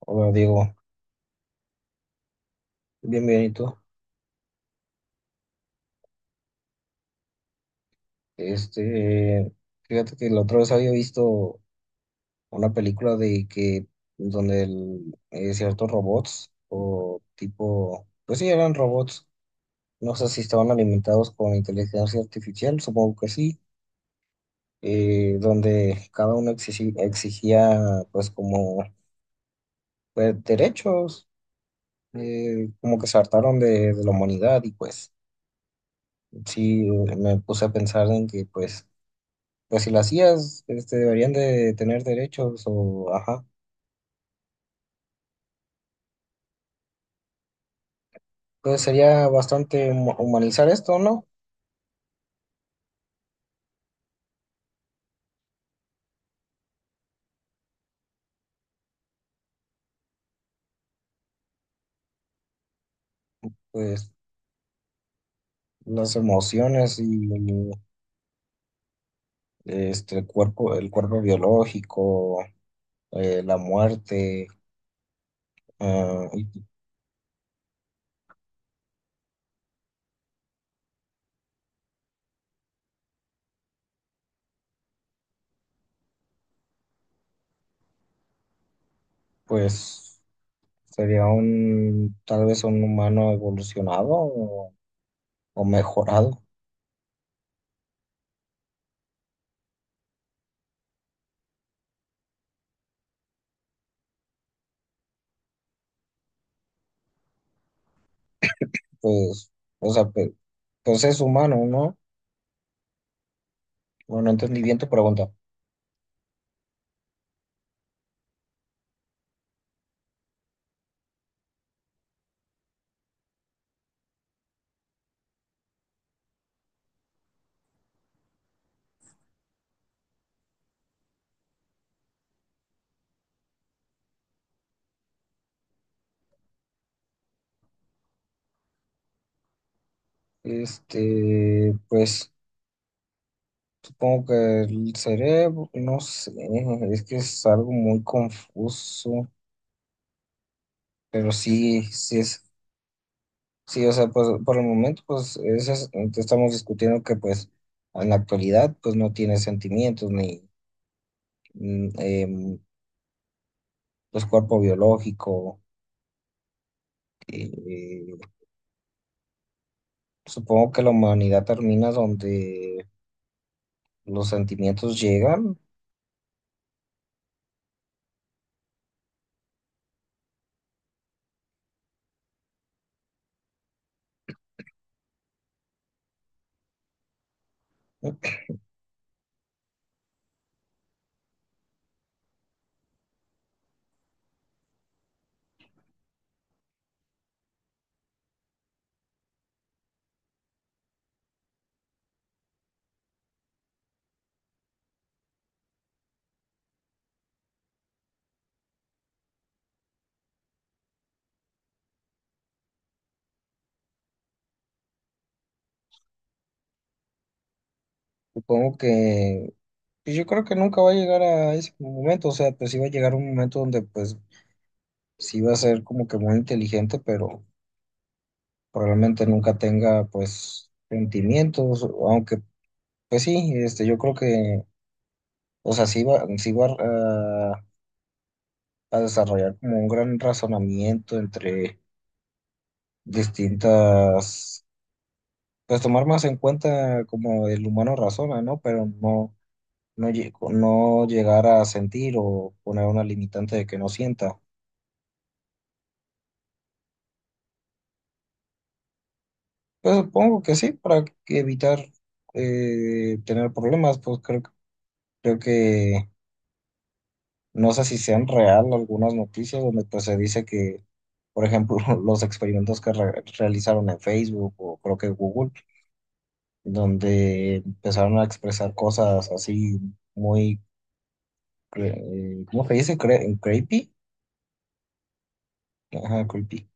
Hola Diego, bien, bien, ¿y tú? Este, Fíjate que la otra vez había visto una película donde ciertos robots, o tipo, pues sí, eran robots, no sé si estaban alimentados con inteligencia artificial, supongo que sí, donde cada uno exigía, pues como, pues, derechos, como que se hartaron de la humanidad y pues sí, me puse a pensar en que pues pues si lo hacías, este, deberían de tener derechos o, ajá. Entonces sería bastante humanizar esto, ¿no? Pues las emociones y este, el cuerpo biológico, la muerte, ah, y pues sería un, tal vez un humano evolucionado o mejorado, pues, o sea, pues, es humano, ¿no? Bueno, entendí bien tu pregunta. Este, pues... Supongo que el cerebro, no sé, es que es algo muy confuso, pero sí, sí es, sí, o sea, pues por el momento, este, estamos discutiendo que pues en la actualidad pues no tiene sentimientos ni mm, em, pues cuerpo biológico. eh, supongo que la humanidad termina donde los sentimientos llegan. Supongo que pues, yo creo que nunca va a llegar a ese momento, o sea, pues sí va a llegar un momento donde pues sí va a ser como que muy inteligente, pero probablemente nunca tenga pues sentimientos, aunque pues sí, este, yo creo que, o sea, sí va a desarrollar como un gran razonamiento entre distintas, pues tomar más en cuenta como el humano razona, ¿no? Pero no, no, no llegar a sentir o poner una limitante de que no sienta. Pues supongo que sí, para que evitar tener problemas, pues creo, creo que no sé si sean real algunas noticias donde pues se dice que, por ejemplo, los experimentos que realizaron en Facebook o creo que Google, donde empezaron a expresar cosas así muy, ¿cómo se dice? Creepy. Ajá, creepy.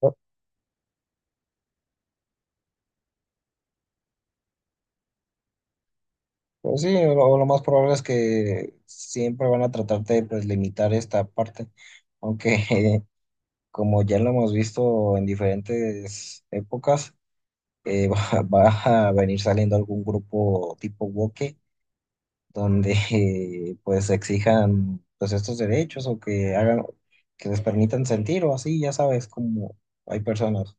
Pu- Pues sí, lo más probable es que siempre van a tratar de pues, limitar esta parte, aunque como ya lo hemos visto en diferentes épocas, va a venir saliendo algún grupo tipo woke donde pues exijan pues estos derechos o que hagan, que les permitan sentir o así, ya sabes, como hay personas.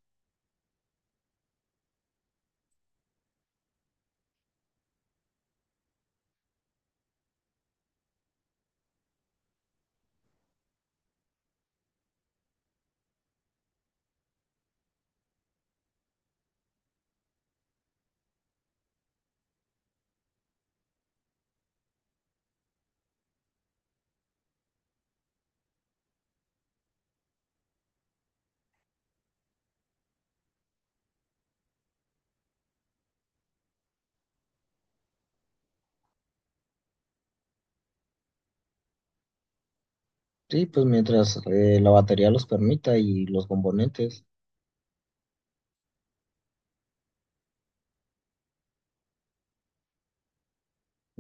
Sí, pues mientras la batería los permita y los componentes.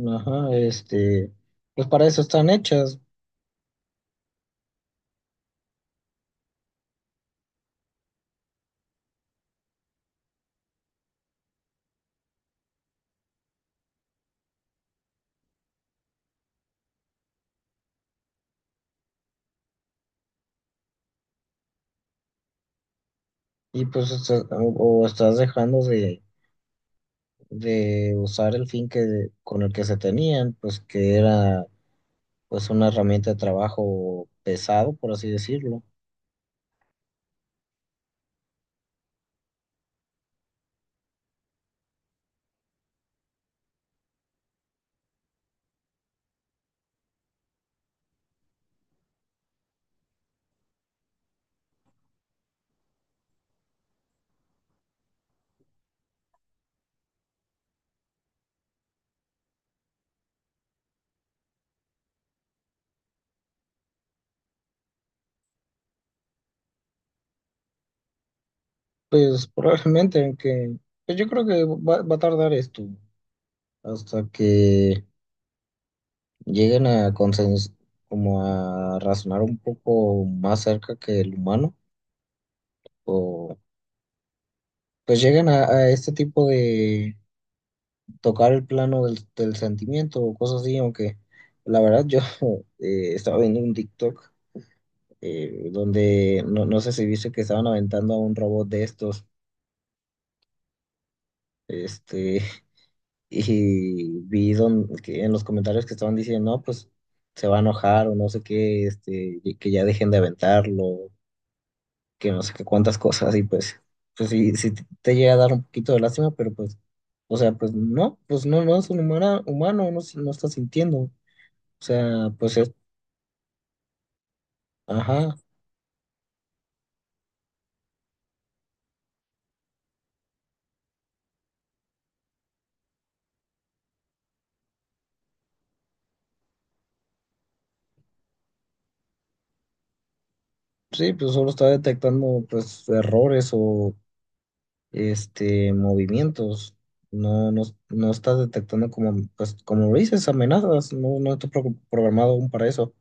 Ajá, este, pues para eso están hechas y o estás dejando de usar el fin que, con el que se tenían, pues que era pues una herramienta de trabajo pesado, por así decirlo. Pues probablemente, aunque pues yo creo que va, va a tardar esto hasta que lleguen a consens como a razonar un poco más cerca que el humano, o pues lleguen a este tipo de tocar el plano del sentimiento o cosas así, aunque la verdad yo estaba viendo un TikTok donde no, no sé si viste que estaban aventando a un robot de estos. Este, y que en los comentarios que estaban diciendo, no, pues se va a enojar o no sé qué, este, y que ya dejen de aventarlo, que no sé qué cuántas cosas, y pues, pues sí, sí te llega a dar un poquito de lástima, pero pues, o sea, pues no, no es un humano, no, no está sintiendo, o sea, pues es, ajá, sí, pues solo está detectando pues errores o, este, movimientos. No, no, no está detectando como, pues, como dices, amenazas. No, no está programado aún para eso.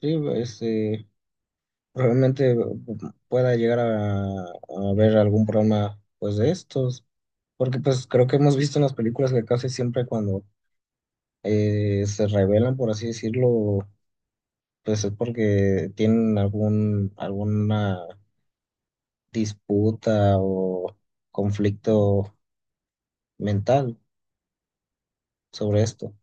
Sí, este, probablemente pueda llegar a ver algún programa, pues, de estos. Porque, pues, creo que hemos visto en las películas que casi siempre cuando se revelan, por así decirlo, pues es porque tienen algún, alguna disputa o conflicto mental sobre esto.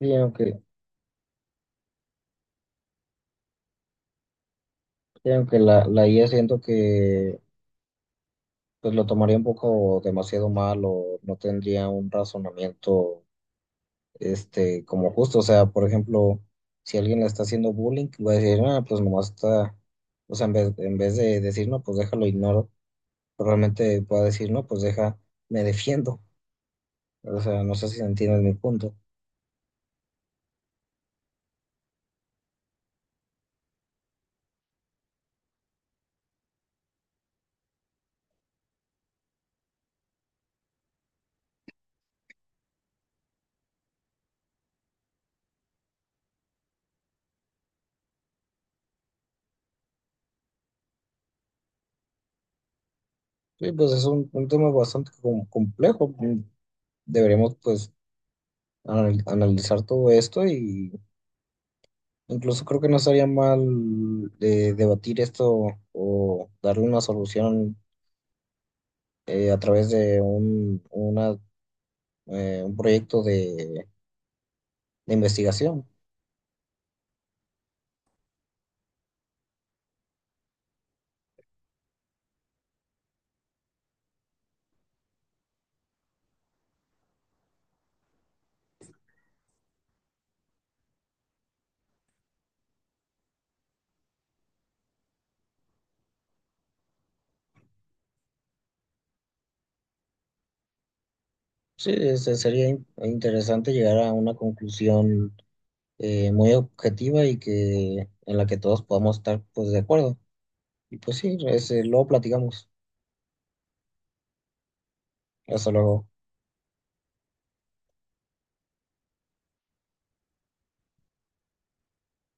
Sí, aunque, sí, aunque la IA siento que pues lo tomaría un poco demasiado mal o no tendría un razonamiento este como justo. O sea, por ejemplo, si alguien le está haciendo bullying, va a decir, ah, pues nomás está, o sea, en vez de decir, no, pues déjalo, ignoro, pero realmente puede decir, no, pues deja, me defiendo. O sea, no sé si entiendes mi punto. Sí, pues es un tema bastante complejo. Mm, deberíamos pues analizar todo esto y incluso creo que no estaría mal debatir esto o darle una solución a través de una, un proyecto de investigación. Sí, este, sería interesante llegar a una conclusión muy objetiva y que en la que todos podamos estar pues de acuerdo. Y pues sí, ese, luego platicamos. Hasta luego.